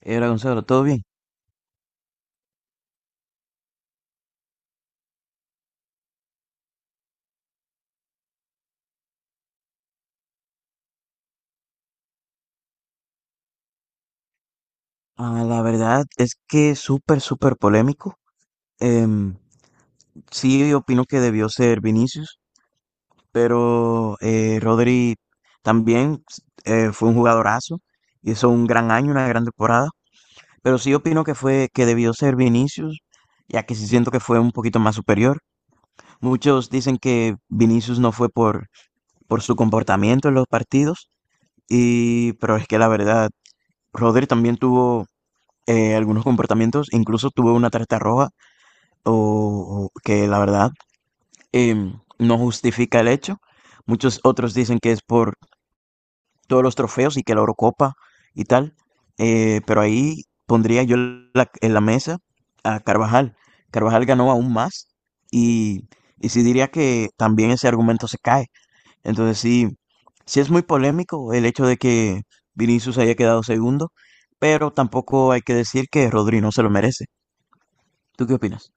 Hola Gonzalo, ¿todo bien? Ah, la verdad es que es súper, súper polémico. Em, sí, opino que debió ser Vinicius, pero Rodri también fue un jugadorazo, hizo un gran año, una gran temporada, pero sí opino que fue que debió ser Vinicius, ya que sí siento que fue un poquito más superior. Muchos dicen que Vinicius no fue por su comportamiento en los partidos, pero es que la verdad, Rodri también tuvo algunos comportamientos. Incluso tuve una tarjeta roja o que la verdad no justifica el hecho. Muchos otros dicen que es por todos los trofeos y que la Eurocopa y tal. Pero ahí pondría yo en la mesa a Carvajal. Carvajal ganó aún más y, y sí diría que también ese argumento se cae. Entonces sí, sí es muy polémico el hecho de que Vinicius haya quedado segundo, pero tampoco hay que decir que Rodri no se lo merece. ¿Tú qué opinas?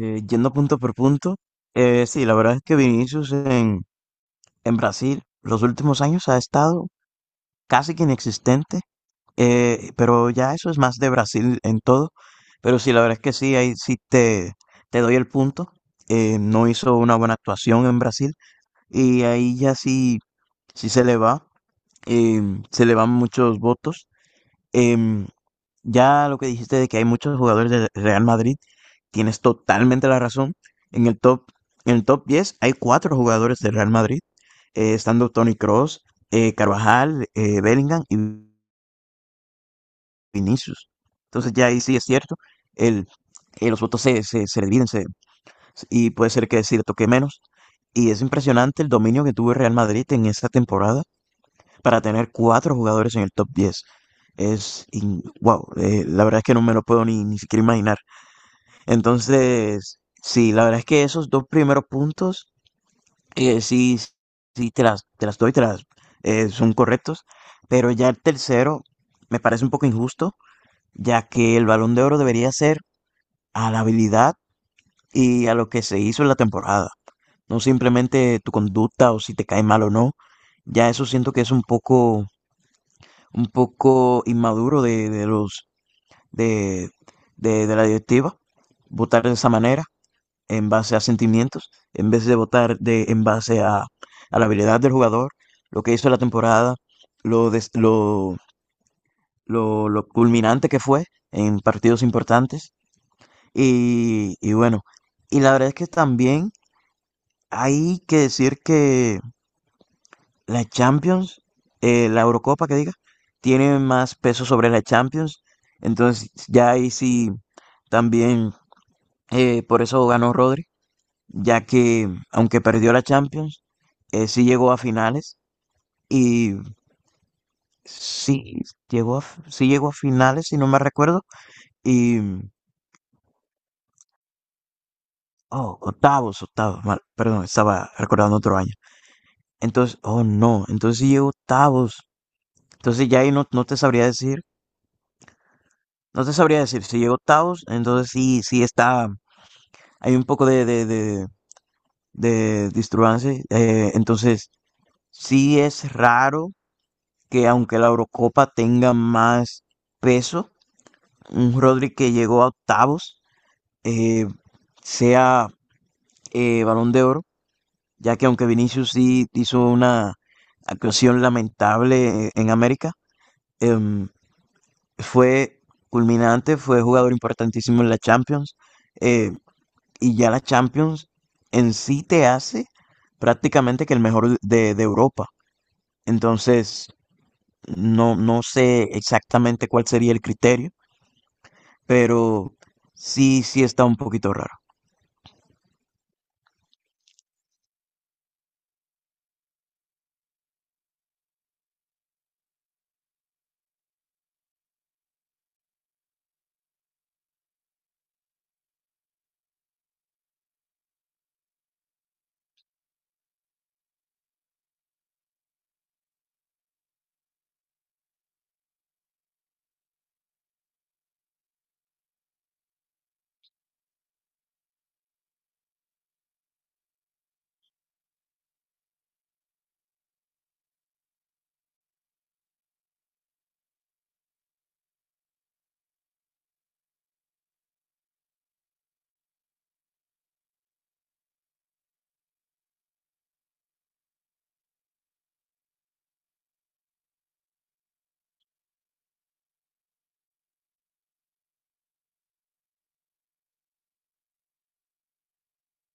Yendo punto por punto, sí, la verdad es que Vinicius en Brasil los últimos años ha estado casi que inexistente, pero ya eso es más de Brasil en todo. Pero sí, la verdad es que sí, ahí sí te doy el punto. No hizo una buena actuación en Brasil y ahí ya sí, sí se le va, se le van muchos votos. Em, ya lo que dijiste de que hay muchos jugadores del Real Madrid tienes totalmente la razón. En el top, en el top 10 hay cuatro jugadores del Real Madrid, estando Tony Cross, Carvajal, Bellingham y Vinicius. Entonces ya ahí sí es cierto, el, los votos se dividen y puede ser que decir toque menos. Y es impresionante el dominio que tuvo el Real Madrid en esta temporada para tener cuatro jugadores en el top 10. Wow, la verdad es que no me lo puedo ni siquiera imaginar. Entonces, sí, la verdad es que esos dos primeros puntos, eh, sí, sí, te las doy, te las, son correctos, pero ya el tercero me parece un poco injusto, ya que el Balón de Oro debería ser a la habilidad y a lo que se hizo en la temporada, no simplemente tu conducta o si te cae mal o no, ya eso siento que es un poco inmaduro de, de la directiva, votar de esa manera. En base a sentimientos, en vez de votar en base a la habilidad del jugador, lo que hizo la temporada, lo, des- lo culminante que fue en partidos importantes. Y bueno, y la verdad es que también hay que decir que la Champions, la Eurocopa que diga, tiene más peso sobre la Champions. Entonces ya ahí sí también por eso ganó Rodri. Ya que aunque perdió la Champions, sí llegó a finales y sí llegó a, sí llegó a finales, si no me recuerdo, y oh, octavos, octavos, mal, perdón, estaba recordando otro año. Entonces, oh no, entonces sí llegó octavos. Entonces ya ahí no, no te sabría decir, no te sabría decir, si llegó octavos, entonces sí, sí está, hay un poco de disturbancia, entonces sí es raro que aunque la Eurocopa tenga más peso, un Rodri que llegó a octavos eh, sea Balón de Oro, ya que aunque Vinicius sí hizo una actuación lamentable en América, eh, fue culminante, fue jugador importantísimo en la Champions, eh, y ya la Champions en sí te hace prácticamente que el mejor de Europa. Entonces, no, no sé exactamente cuál sería el criterio pero sí, sí está un poquito raro.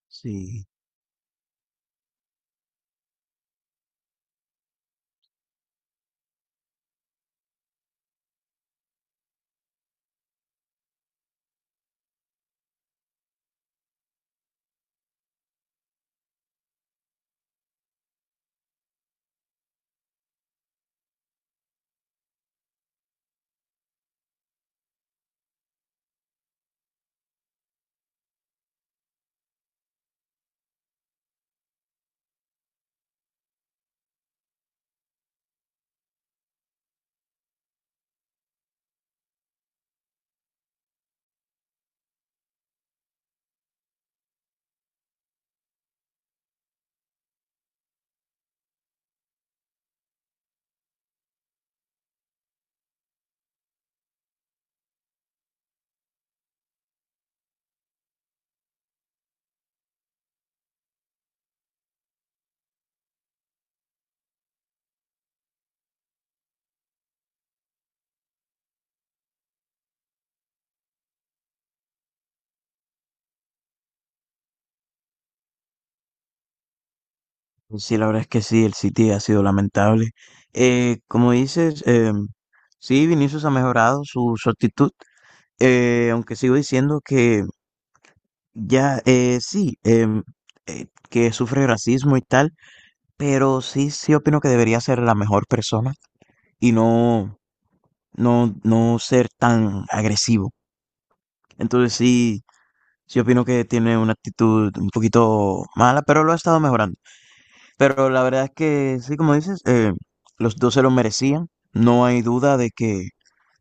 Sí, pues sí, la verdad es que sí, el City ha sido lamentable. Como dices, sí, Vinicius ha mejorado su actitud, aunque sigo diciendo que ya, que sufre racismo y tal. Pero sí, sí opino que debería ser la mejor persona y no, no, no ser tan agresivo. Entonces sí, sí opino que tiene una actitud un poquito mala, pero lo ha estado mejorando. Pero la verdad es que sí, como dices, los dos se lo merecían. No hay duda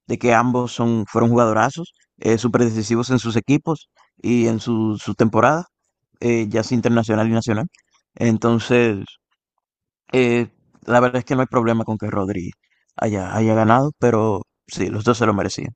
de que ambos son, fueron jugadorazos, súper decisivos en sus equipos y en su temporada, ya sea internacional y nacional. Entonces Eh, la verdad es que no hay problema con que Rodri haya ganado, pero sí, los dos se lo merecían.